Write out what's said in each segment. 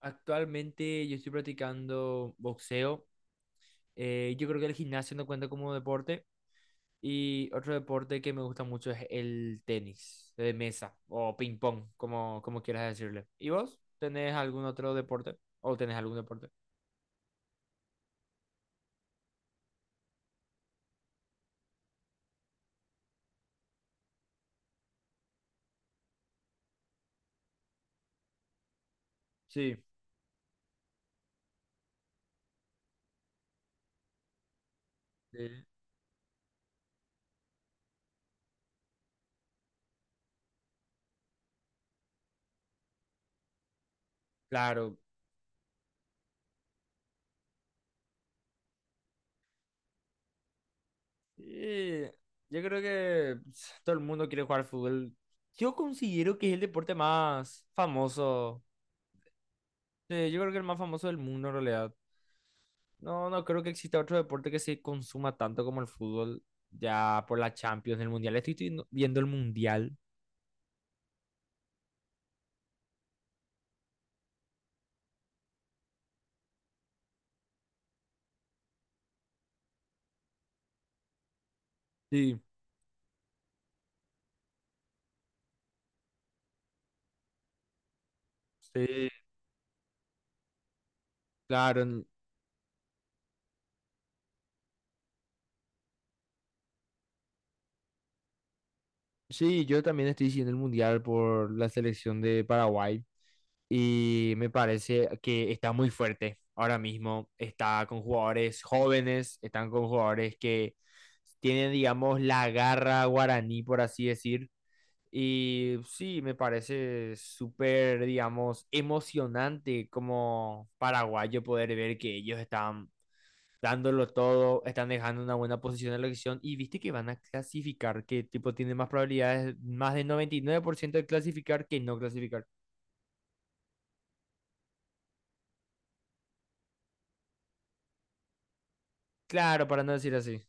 Actualmente yo estoy practicando boxeo. Yo creo que el gimnasio no cuenta como deporte. Y otro deporte que me gusta mucho es el tenis de mesa o ping pong, como quieras decirle. ¿Y vos? ¿Tenés algún otro deporte? ¿O tenés algún deporte? Sí. Sí. Claro. Y yo creo que, pues, todo el mundo quiere jugar fútbol. Yo considero que es el deporte más famoso. Sí, yo creo que el más famoso del mundo en realidad. No, no creo que exista otro deporte que se consuma tanto como el fútbol, ya por la Champions, el Mundial. Estoy viendo el Mundial. Sí, sí, claro. Sí, yo también estoy siguiendo el Mundial por la selección de Paraguay y me parece que está muy fuerte ahora mismo. Está con jugadores jóvenes, están con jugadores que tienen, digamos, la garra guaraní, por así decir. Y sí, me parece súper, digamos, emocionante como paraguayo poder ver que ellos están dándolo todo, están dejando una buena posición en la elección y viste que van a clasificar, que tipo tiene más probabilidades, más del 99% de clasificar que no clasificar. Claro, para no decir así.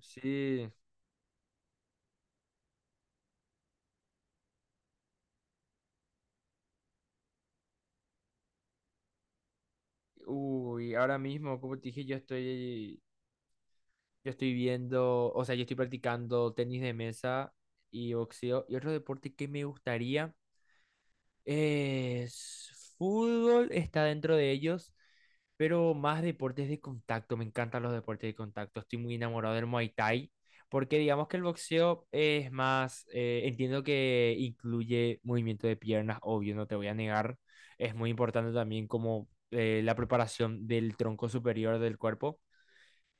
Sí, uy, ahora mismo, como te dije, yo estoy viendo, o sea, yo estoy practicando tenis de mesa y boxeo y otro deporte que me gustaría. Es, fútbol está dentro de ellos, pero más deportes de contacto. Me encantan los deportes de contacto. Estoy muy enamorado del Muay Thai, porque digamos que el boxeo es más, entiendo que incluye movimiento de piernas, obvio, no te voy a negar. Es muy importante también, como la preparación del tronco superior del cuerpo,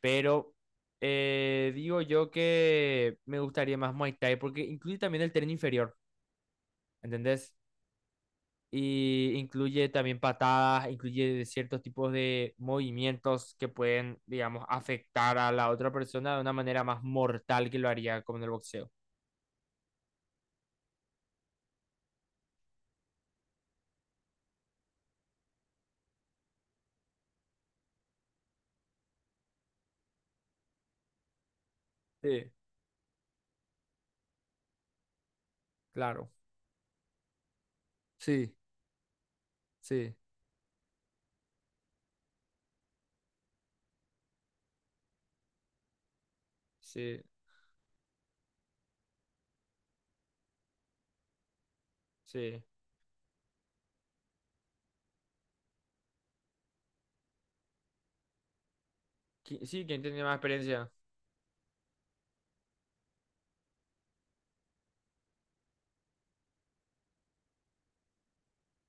pero… digo yo que me gustaría más Muay Thai porque incluye también el tren inferior, ¿entendés? Y incluye también patadas, incluye ciertos tipos de movimientos que pueden, digamos, afectar a la otra persona de una manera más mortal que lo haría como en el boxeo. Sí, claro. Sí, sí, sí, sí. Sí, ¿quién tiene más experiencia?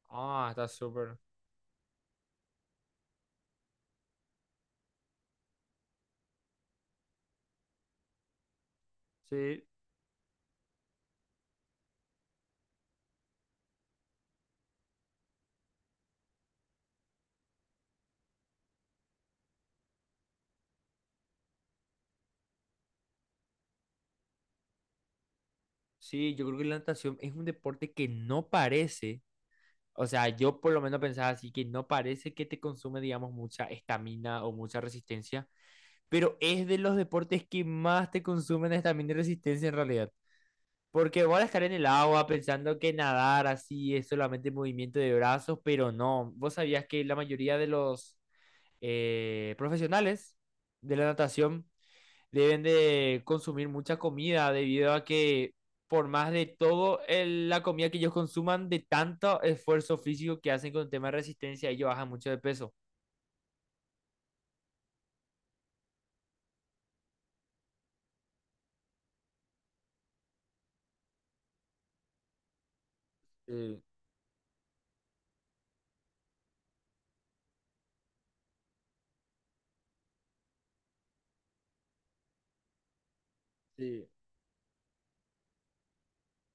Ah, está súper. Sí, sí, yo creo que la natación es un deporte que no parece, o sea, yo por lo menos pensaba así, que no parece que te consume, digamos, mucha estamina o mucha resistencia, pero es de los deportes que más te consumen es también y resistencia en realidad. Porque vos vas a estar en el agua pensando que nadar así es solamente movimiento de brazos, pero no. ¿Vos sabías que la mayoría de los profesionales de la natación deben de consumir mucha comida debido a que, por más de todo la comida que ellos consuman, de tanto esfuerzo físico que hacen con el tema de resistencia, ellos bajan mucho de peso? Sí, sí.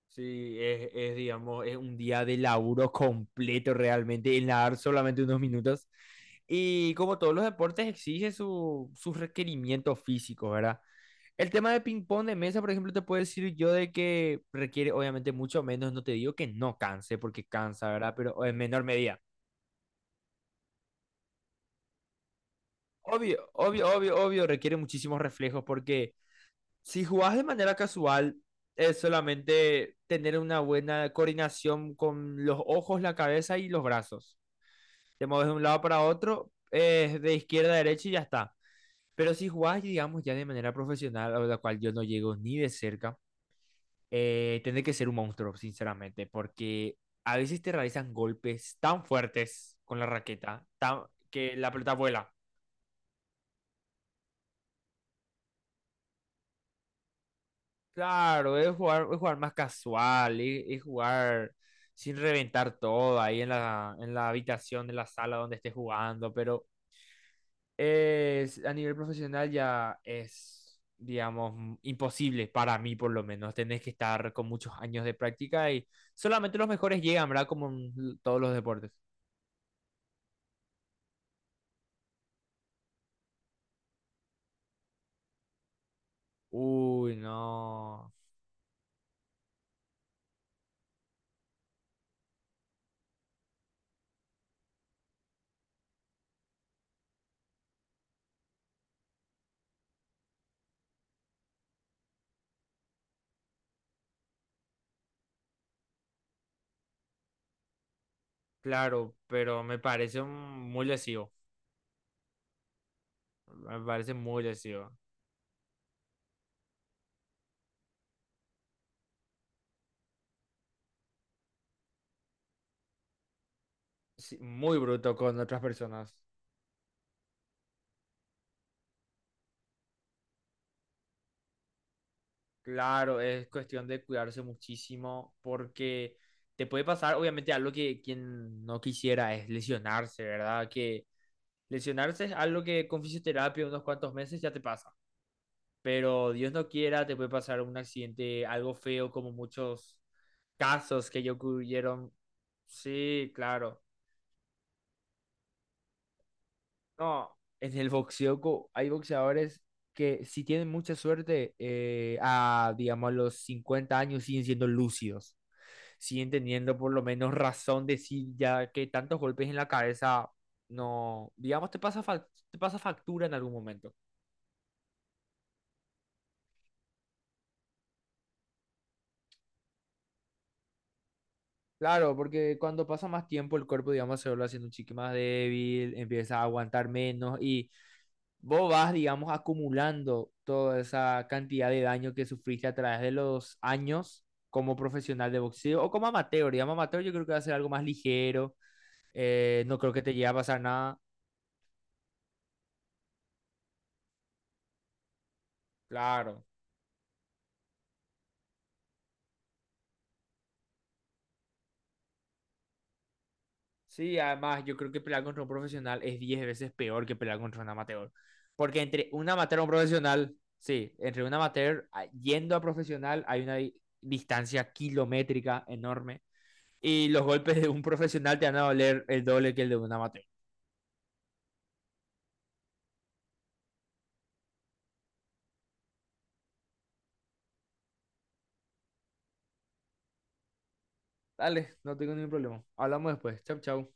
Sí, es, digamos, es un día de laburo completo realmente, en nadar solamente unos minutos. Y como todos los deportes, exige sus requerimientos físicos, ¿verdad? El tema de ping-pong de mesa, por ejemplo, te puedo decir yo de que requiere obviamente mucho menos, no te digo que no canse, porque cansa, ¿verdad? Pero en menor medida. Obvio, obvio, obvio, obvio, requiere muchísimos reflejos, porque si jugás de manera casual, es solamente tener una buena coordinación con los ojos, la cabeza y los brazos. Te mueves de un lado para otro, de izquierda a derecha y ya está. Pero si jugás, digamos, ya de manera profesional, a la cual yo no llego ni de cerca, tenés que ser un monstruo, sinceramente, porque a veces te realizan golpes tan fuertes con la raqueta, tan- que la pelota vuela. Claro, es jugar más casual, es jugar sin reventar todo ahí en la habitación, en la sala donde estés jugando, pero es, a nivel profesional ya es, digamos, imposible para mí por lo menos. Tenés que estar con muchos años de práctica y solamente los mejores llegan, ¿verdad? Como en todos los deportes. Uy, no. Claro, pero me parece muy lesivo. Me parece muy lesivo. Sí, muy bruto con otras personas. Claro, es cuestión de cuidarse muchísimo, porque te puede pasar, obviamente, algo que quien no quisiera es lesionarse, ¿verdad? Que lesionarse es algo que con fisioterapia unos cuantos meses ya te pasa, pero Dios no quiera, te puede pasar un accidente, algo feo como muchos casos que ya ocurrieron. Sí, claro. No, en el boxeo hay boxeadores que, si tienen mucha suerte, a, digamos, a los 50 años siguen siendo lúcidos, siguen teniendo por lo menos razón de sí, ya que tantos golpes en la cabeza, no, digamos, te pasa, te pasa factura en algún momento. Claro, porque cuando pasa más tiempo el cuerpo, digamos, se vuelve haciendo un chique más débil, empieza a aguantar menos y vos vas, digamos, acumulando toda esa cantidad de daño que sufriste a través de los años como profesional de boxeo o como amateur. Digamos, amateur yo creo que va a ser algo más ligero, no creo que te llegue a pasar nada. Claro. Sí, además yo creo que pelear contra un profesional es 10 veces peor que pelear contra un amateur. Porque entre un amateur y un profesional, sí, entre un amateur yendo a profesional hay una distancia kilométrica enorme. Y los golpes de un profesional te van a doler el doble que el de un amateur. Dale, no tengo ningún problema. Hablamos después. Chau, chau.